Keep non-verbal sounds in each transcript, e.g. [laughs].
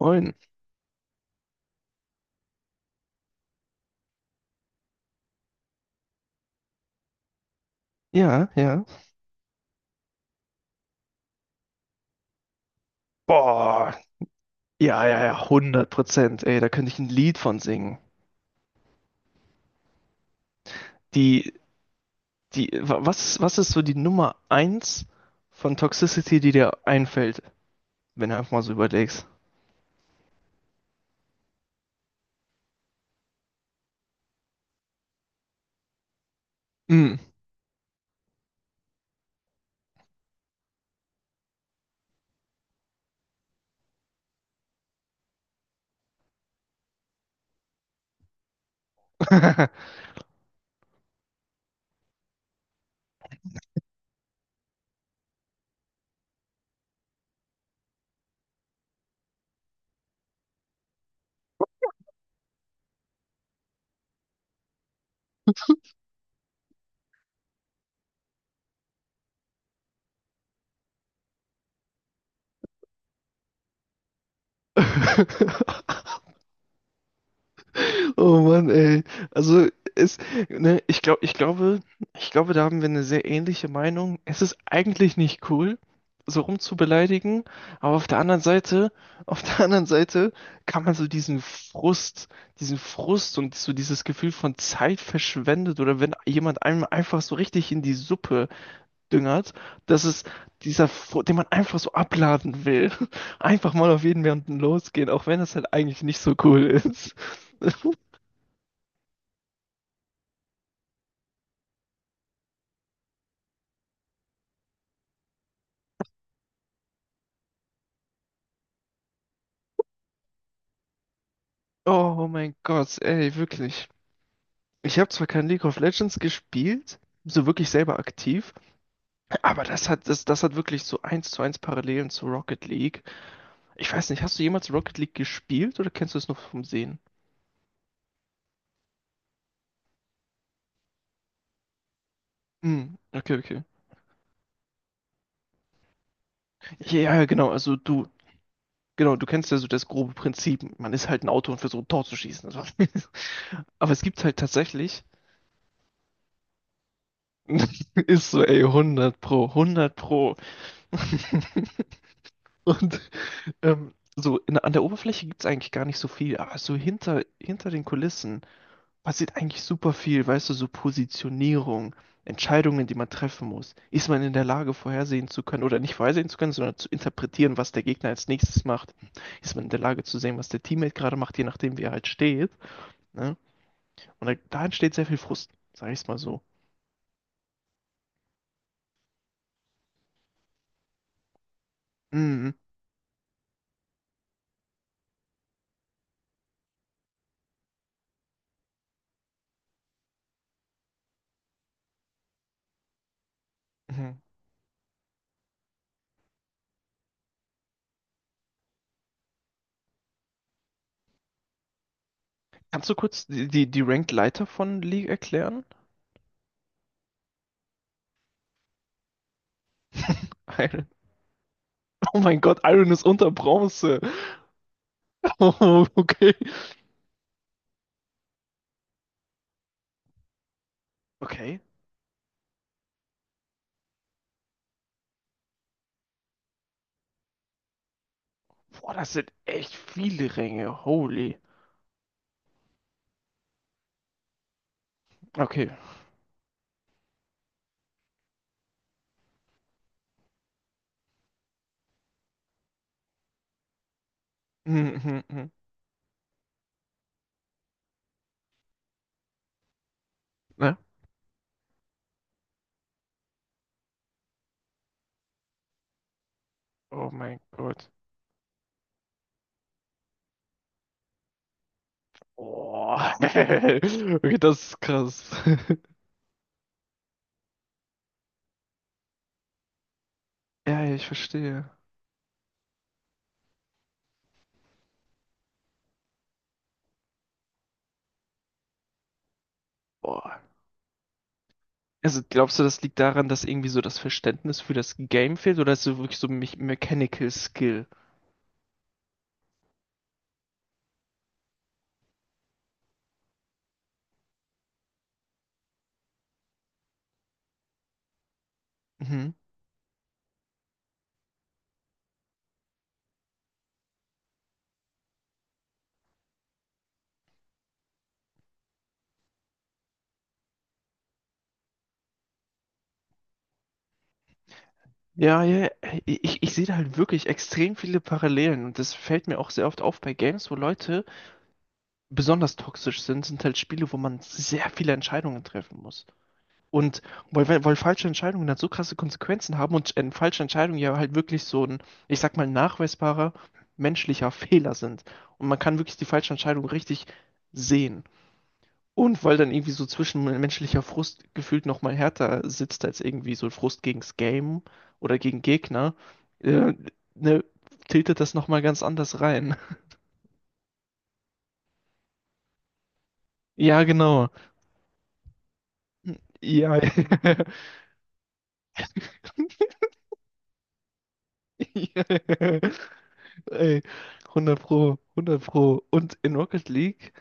Moin. Ja, ja. Boah. Ja, ja, ja, hundert Prozent. Ey, da könnte ich ein Lied von singen. Die, was ist so die Nummer eins von Toxicity, die dir einfällt, wenn du einfach mal so überlegst? Mm. [laughs] Oh Mann, ey. Also es, ne, ich glaube, ich glaube, ich glaube, da haben wir eine sehr ähnliche Meinung. Es ist eigentlich nicht cool, so rumzubeleidigen, aber auf der anderen Seite, [laughs] auf der anderen Seite kann man so diesen Frust und so dieses Gefühl von Zeit verschwendet oder wenn jemand einem einfach so richtig in die Suppe düngert, dass es den man einfach so abladen will, [laughs] einfach mal auf jeden Menschen losgehen, auch wenn das halt eigentlich nicht so cool ist. [laughs] Oh mein Gott, ey, wirklich. Ich habe zwar kein League of Legends gespielt, so wirklich selber aktiv, aber das hat wirklich so eins zu eins Parallelen zu Rocket League. Ich weiß nicht, hast du jemals Rocket League gespielt oder kennst du es nur vom Sehen? Hm, okay, okay. Ja, ja, genau, also du, genau, du kennst ja so das grobe Prinzip. Man ist halt ein Auto und versucht ein Tor zu schießen. Also. [laughs] Aber es gibt halt tatsächlich, [laughs] ist so, ey, hundert pro, hundert pro. [laughs] Und so an der Oberfläche gibt es eigentlich gar nicht so viel, aber so hinter den Kulissen passiert eigentlich super viel, weißt du, so Positionierung, Entscheidungen, die man treffen muss. Ist man in der Lage, vorhersehen zu können oder nicht vorhersehen zu können, sondern zu interpretieren, was der Gegner als nächstes macht? Ist man in der Lage zu sehen, was der Teammate gerade macht, je nachdem, wie er halt steht? Ne? Und da entsteht sehr viel Frust, sag ich es mal so. Mhm. Mhm. Kannst du kurz die Ranked Leiter von League erklären? [laughs] Weil oh mein Gott, Iron ist unter Bronze. [laughs] Oh, okay. Okay. Boah, das sind echt viele Ränge. Holy. Okay. Hm, hm, hm. Ne? Oh mein Gott. Oh. [laughs] Okay, das ist krass. [laughs] Ja, ich verstehe. Boah. Also glaubst du, das liegt daran, dass irgendwie so das Verständnis für das Game fehlt oder ist es wirklich so Me Mechanical Skill? Mhm. Ja, ja, ich sehe da halt wirklich extrem viele Parallelen und das fällt mir auch sehr oft auf bei Games, wo Leute besonders toxisch sind, sind halt Spiele, wo man sehr viele Entscheidungen treffen muss. Und weil falsche Entscheidungen dann so krasse Konsequenzen haben und falsche Entscheidungen ja halt wirklich so ein, ich sag mal, nachweisbarer menschlicher [laughs] Fehler sind. Und man kann wirklich die falsche Entscheidung richtig sehen. Und weil dann irgendwie so zwischenmenschlicher Frust gefühlt nochmal härter sitzt als irgendwie so Frust gegens Game oder gegen Gegner, äh, ne, tiltet das nochmal ganz anders rein. [laughs] Ja, genau. Hm, ja, [laughs] [laughs] ey, 100 Pro, 100 Pro. Und in Rocket League,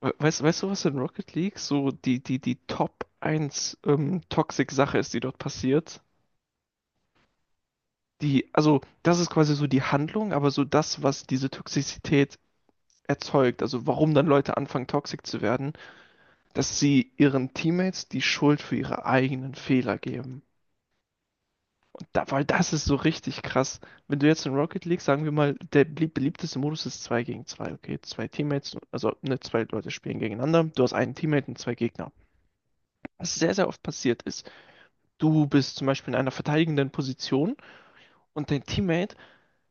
weißt du, was in Rocket League so die Top eins Toxic-Sache ist, die dort passiert? Die, also, das ist quasi so die Handlung, aber so das, was diese Toxizität erzeugt, also warum dann Leute anfangen, toxic zu werden, dass sie ihren Teammates die Schuld für ihre eigenen Fehler geben. Da, weil das ist so richtig krass. Wenn du jetzt in Rocket League, sagen wir mal, der belieb- beliebteste Modus ist 2 gegen 2 okay? Zwei Teammates, also ne, zwei Leute spielen gegeneinander. Du hast einen Teammate und zwei Gegner. Was sehr, sehr oft passiert ist, du bist zum Beispiel in einer verteidigenden Position und dein Teammate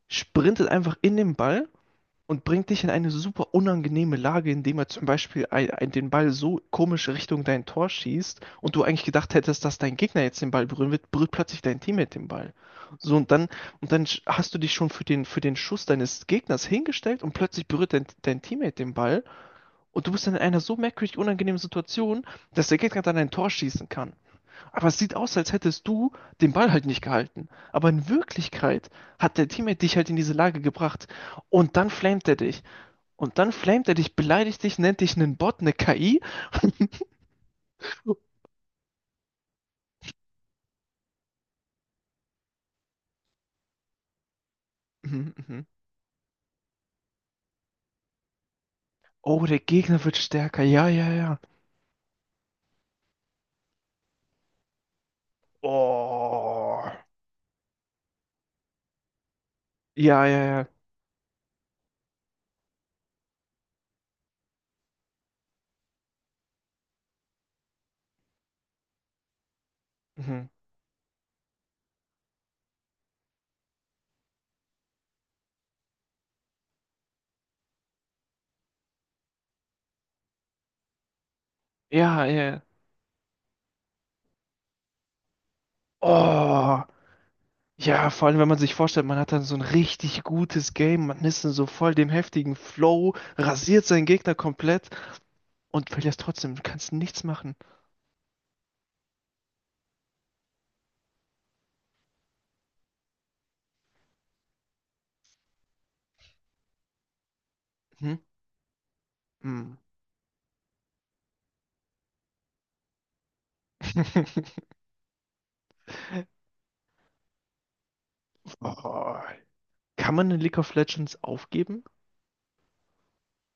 sprintet einfach in den Ball und bringt dich in eine super unangenehme Lage, indem er zum Beispiel den Ball so komisch Richtung dein Tor schießt und du eigentlich gedacht hättest, dass dein Gegner jetzt den Ball berühren wird, berührt plötzlich dein Teammate den Ball. So hast du dich schon für den Schuss deines Gegners hingestellt und plötzlich berührt dein Teammate den Ball und du bist dann in einer so merkwürdig unangenehmen Situation, dass der Gegner dann ein Tor schießen kann. Aber es sieht aus, als hättest du den Ball halt nicht gehalten. Aber in Wirklichkeit hat der Teammate dich halt in diese Lage gebracht und dann flamet er dich. Und dann flamet er dich, beleidigt dich, nennt dich einen Bot, eine KI. [laughs] Mhm, mhm. Oh, der Gegner wird stärker. Ja, ja, ja. Oh. Ja, ja, ja. Mhm. Ja, ja. Oh. Ja, vor allem, wenn man sich vorstellt, man hat dann so ein richtig gutes Game, man ist in so voll dem heftigen Flow, rasiert seinen Gegner komplett und verlierst trotzdem, du kannst nichts machen. Mhm. Mhm. [laughs] Oh. Kann man in League of Legends aufgeben?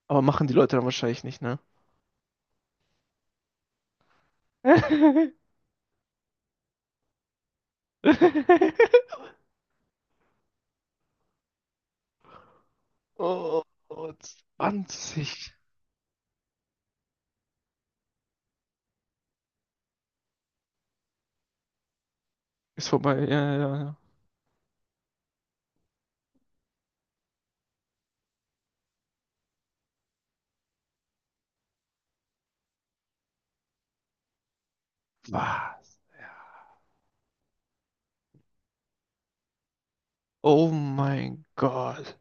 Aber machen die Leute dann wahrscheinlich nicht, ne? [laughs] Oh, 20 ist vorbei. Ja, ja, ja, ja. Was? Oh mein Gott.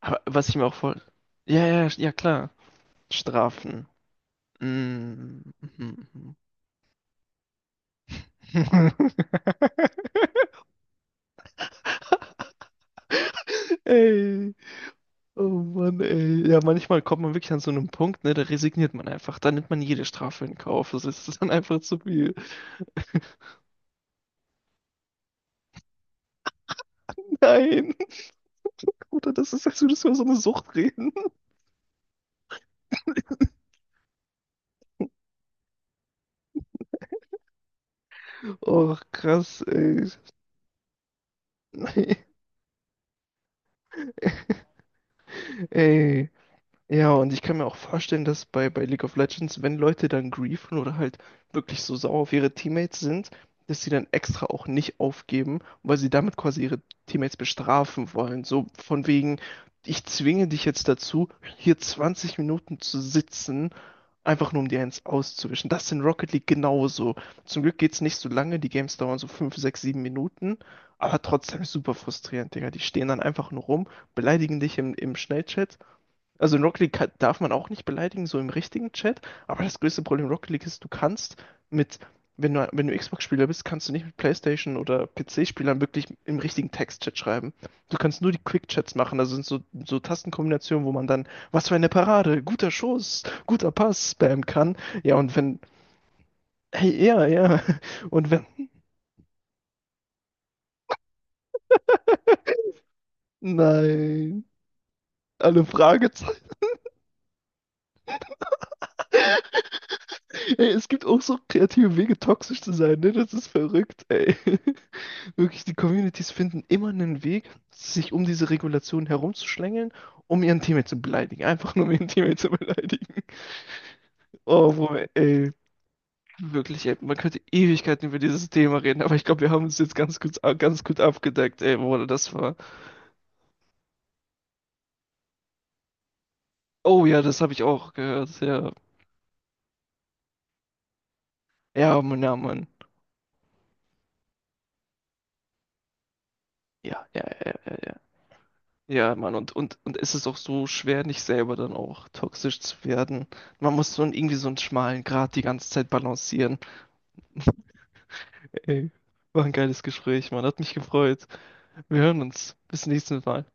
Aber was ich mir auch voll. Ja, ja, ja, ja, klar. Strafen. Mm. [laughs] Ey. Oh Mann, ey. Ja, manchmal kommt man wirklich an so einem Punkt, ne, da resigniert man einfach. Da nimmt man jede Strafe in Kauf. Das ist dann einfach zu viel. Nein. Oder das ist, als würdest du über so eine Sucht reden. Oh, krass, ey. [laughs] Nee. Ey, ja, und ich kann mir auch vorstellen, dass bei League of Legends, wenn Leute dann griefen oder halt wirklich so sauer auf ihre Teammates sind, dass sie dann extra auch nicht aufgeben, weil sie damit quasi ihre Teammates bestrafen wollen. So von wegen, ich zwinge dich jetzt dazu, hier 20 Minuten zu sitzen, einfach nur um dir eins auszuwischen. Das ist in Rocket League genauso. Zum Glück geht's nicht so lange, die Games dauern so 5 6 7 Minuten, aber trotzdem super frustrierend, Digga. Die stehen dann einfach nur rum beleidigen dich im Schnellchat, also in Rocket League kann, darf man auch nicht beleidigen, so im richtigen Chat. Aber das größte Problem in Rocket League ist, du kannst mit, wenn du Xbox-Spieler bist, kannst du nicht mit PlayStation oder PC-Spielern wirklich im richtigen Text-Chat schreiben. Du kannst nur die Quick-Chats machen. Das sind so, so Tastenkombinationen, wo man dann, was für eine Parade, guter Schuss, guter Pass spammen kann. Ja, und wenn, hey, ja, ja. Und wenn, [laughs] nein, alle Fragezeichen. Ey, es gibt auch so kreative Wege, toxisch zu sein, ne? Das ist verrückt, ey. [laughs] Wirklich, die Communities finden immer einen Weg, sich um diese Regulation herumzuschlängeln, um ihren Teammate zu beleidigen. Einfach nur, um ihren Teammate zu beleidigen. Oh, wo, ey, wirklich, ey, man könnte Ewigkeiten über dieses Thema reden, aber ich glaube, wir haben uns jetzt ganz gut abgedeckt, ey, wo das war. Oh ja, das habe ich auch gehört, ja. Ja, Mann, ja, Mann. Ja, ja, ja, ja. Ja, Ja, Mann, und, und, es ist auch so schwer, nicht selber dann auch toxisch zu werden. Man muss so einen, irgendwie so einen schmalen Grat die ganze Zeit balancieren. Ey, war ein geiles Gespräch, Mann. Hat mich gefreut. Wir hören uns. Bis zum nächsten Mal.